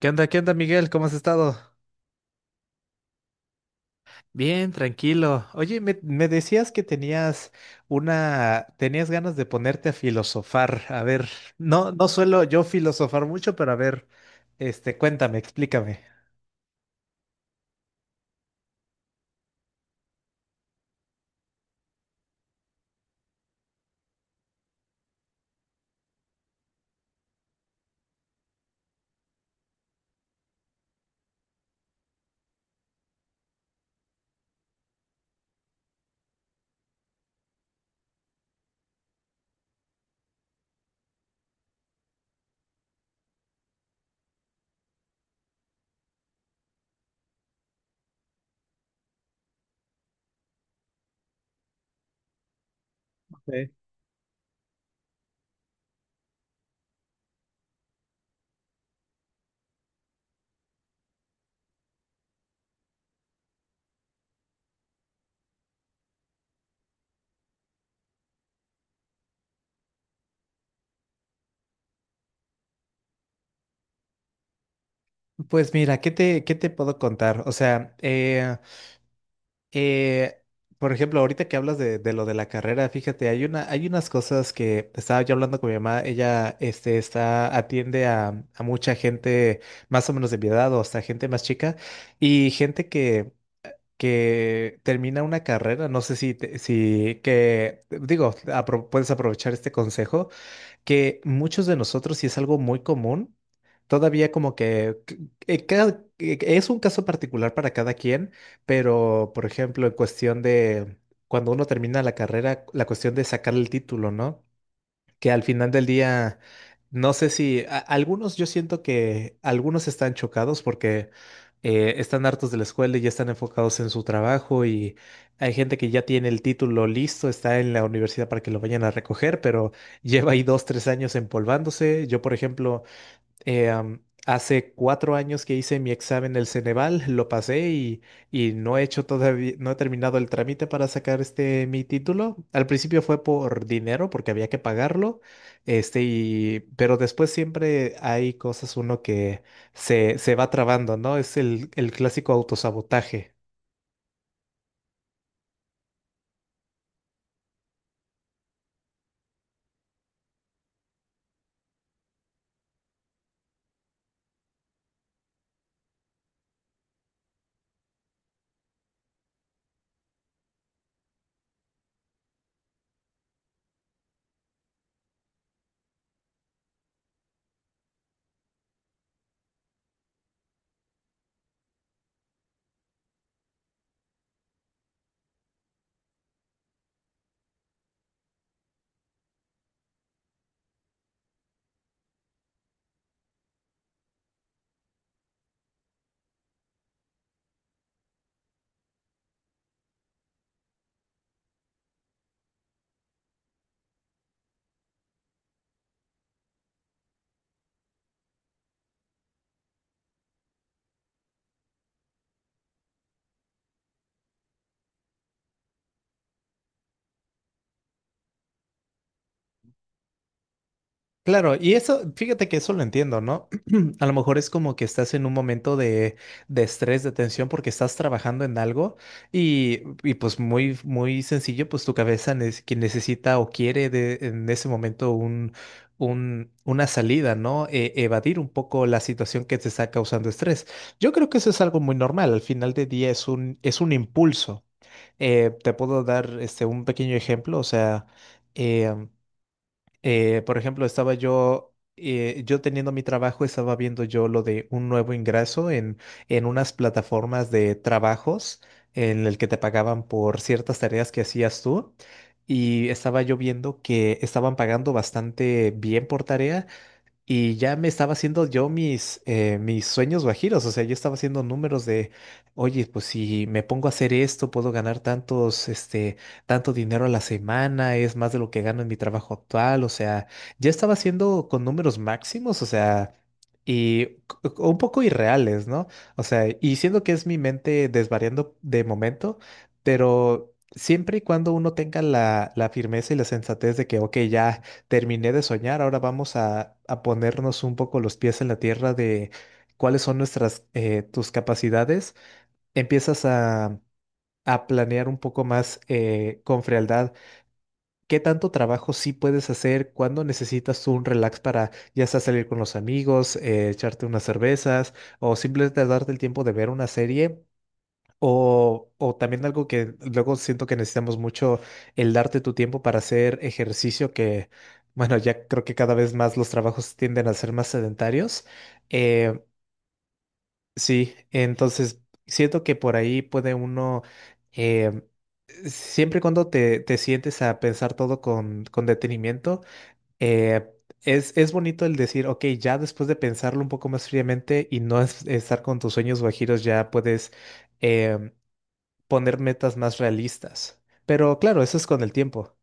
¿Qué onda? ¿Qué onda, Miguel? ¿Cómo has estado? Bien, tranquilo. Oye, me decías que tenías tenías ganas de ponerte a filosofar. A ver, no, no suelo yo filosofar mucho, pero a ver, este, cuéntame, explícame. Ok. Pues mira, ¿qué te puedo contar? O sea, Eh, por ejemplo, ahorita que hablas de lo de la carrera, fíjate, hay unas cosas que estaba yo hablando con mi mamá, ella este, atiende a mucha gente más o menos de mi edad o hasta gente más chica y gente que termina una carrera, no sé si, si que, digo, puedes aprovechar este consejo que muchos de nosotros, y es algo muy común, todavía como que c- cada- es un caso particular para cada quien, pero por ejemplo, en cuestión de cuando uno termina la carrera, la cuestión de sacar el título, ¿no? Que al final del día, no sé si algunos, yo siento que algunos están chocados porque están hartos de la escuela y ya están enfocados en su trabajo, y hay gente que ya tiene el título listo, está en la universidad para que lo vayan a recoger, pero lleva ahí 2, 3 años empolvándose. Yo, por ejemplo, eh, am, hace 4 años que hice mi examen del Ceneval, lo pasé y no he hecho todavía, no he terminado el trámite para sacar este mi título. Al principio fue por dinero, porque había que pagarlo, este, pero después siempre hay cosas uno que se va trabando, ¿no? Es el clásico autosabotaje. Claro, y eso, fíjate que eso lo entiendo, ¿no? A lo mejor es como que estás en un momento de estrés, de tensión, porque estás trabajando en algo y pues muy, muy sencillo, pues tu cabeza que necesita o quiere en ese momento una salida, ¿no? Evadir un poco la situación que te está causando estrés. Yo creo que eso es algo muy normal, al final del día es un impulso. Te puedo dar este, un pequeño ejemplo, o sea, em, por ejemplo, estaba yo teniendo mi trabajo, estaba viendo yo lo de un nuevo ingreso en unas plataformas de trabajos en el que te pagaban por ciertas tareas que hacías tú. Y estaba yo viendo que estaban pagando bastante bien por tarea, y ya me estaba haciendo yo mis sueños guajiros, o sea, yo estaba haciendo números de, oye, pues si me pongo a hacer esto, puedo ganar tantos, este, tanto dinero a la semana, es más de lo que gano en mi trabajo actual, o sea, ya estaba haciendo con números máximos, o sea, y un poco irreales, ¿no? O sea, y siendo que es mi mente desvariando de momento, pero siempre y cuando uno tenga la firmeza y la sensatez de que, ok, ya terminé de soñar, ahora vamos a ponernos un poco los pies en la tierra de cuáles son tus capacidades. Empiezas a planear un poco más con frialdad qué tanto trabajo sí puedes hacer, cuándo necesitas tú un relax para ya sea salir con los amigos, echarte unas cervezas o simplemente darte el tiempo de ver una serie o también algo que luego siento que necesitamos mucho, el darte tu tiempo para hacer ejercicio, que bueno, ya creo que cada vez más los trabajos tienden a ser más sedentarios. Eh, sí, entonces siento que por ahí puede uno, eh, siempre y cuando te sientes a pensar todo con detenimiento, eh, es bonito el decir, ok, ya después de pensarlo un poco más fríamente y no estar con tus sueños guajiros, ya puedes em, poner metas más realistas. Pero claro, eso es con el tiempo.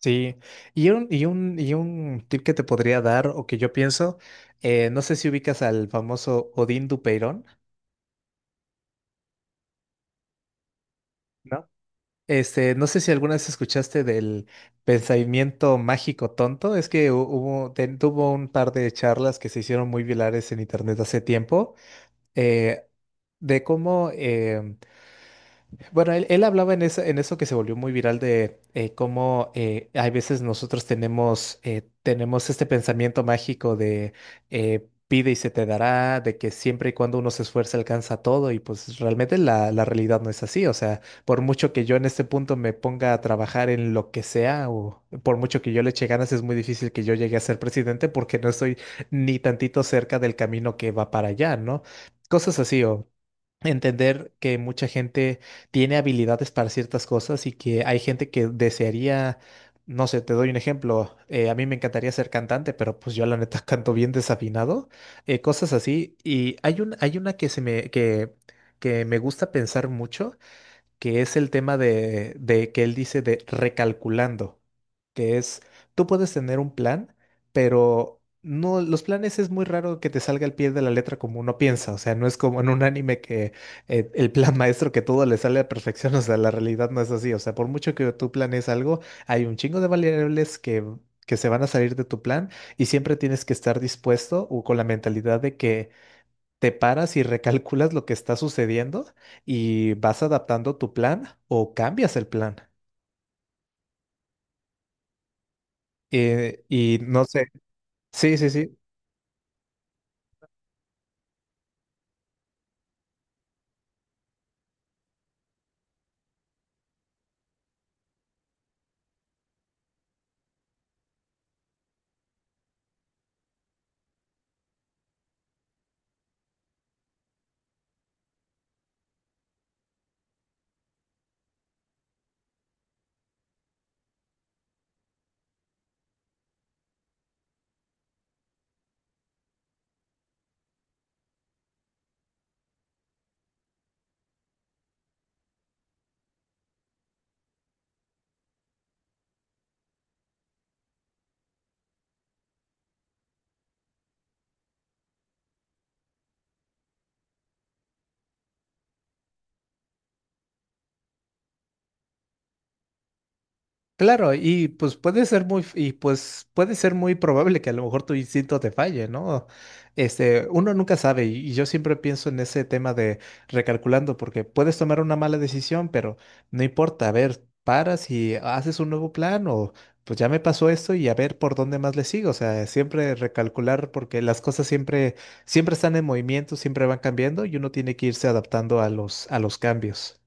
Sí. Y y un tip que te podría dar o que yo pienso, no sé si ubicas al famoso Odín Dupeirón, ¿no? No sé si alguna vez escuchaste del pensamiento mágico tonto. Es que tuvo un par de charlas que se hicieron muy virales en internet hace tiempo. eh, de cómo em, Bueno, él hablaba en eso que se volvió muy viral de cómo hay veces nosotros tenemos este pensamiento mágico de pide y se te dará, de que siempre y cuando uno se esfuerza alcanza todo, y pues realmente la realidad no es así. O sea, por mucho que yo en este punto me ponga a trabajar en lo que sea o por mucho que yo le eche ganas, es muy difícil que yo llegue a ser presidente porque no estoy ni tantito cerca del camino que va para allá, ¿no? Cosas así, o entender que mucha gente tiene habilidades para ciertas cosas y que hay gente que desearía, no sé, te doy un ejemplo, a mí me encantaría ser cantante, pero pues yo la neta canto bien desafinado, cosas así. Y hay una que me gusta pensar mucho, que es el tema de que él dice de recalculando, que es, tú puedes tener un plan, pero no, los planes es muy raro que te salga al pie de la letra como uno piensa, o sea, no es como en un anime que el plan maestro que todo le sale a perfección, o sea, la realidad no es así, o sea, por mucho que tú planees algo, hay un chingo de variables que se van a salir de tu plan, y siempre tienes que estar dispuesto o con la mentalidad de que te paras y recalculas lo que está sucediendo y vas adaptando tu plan o cambias el plan. Y no sé, sí, sí, sí. Claro, y pues puede ser muy probable que a lo mejor tu instinto te falle, ¿no? Uno nunca sabe, y yo siempre pienso en ese tema de recalculando, porque puedes tomar una mala decisión, pero no importa, a ver, paras y haces un nuevo plan, o pues ya me pasó esto y a ver por dónde más le sigo. O sea, siempre recalcular, porque las cosas siempre, siempre están en movimiento, siempre van cambiando, y uno tiene que irse adaptando a a los cambios.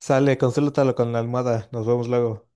Sale, consúltalo con la almohada, nos vemos luego.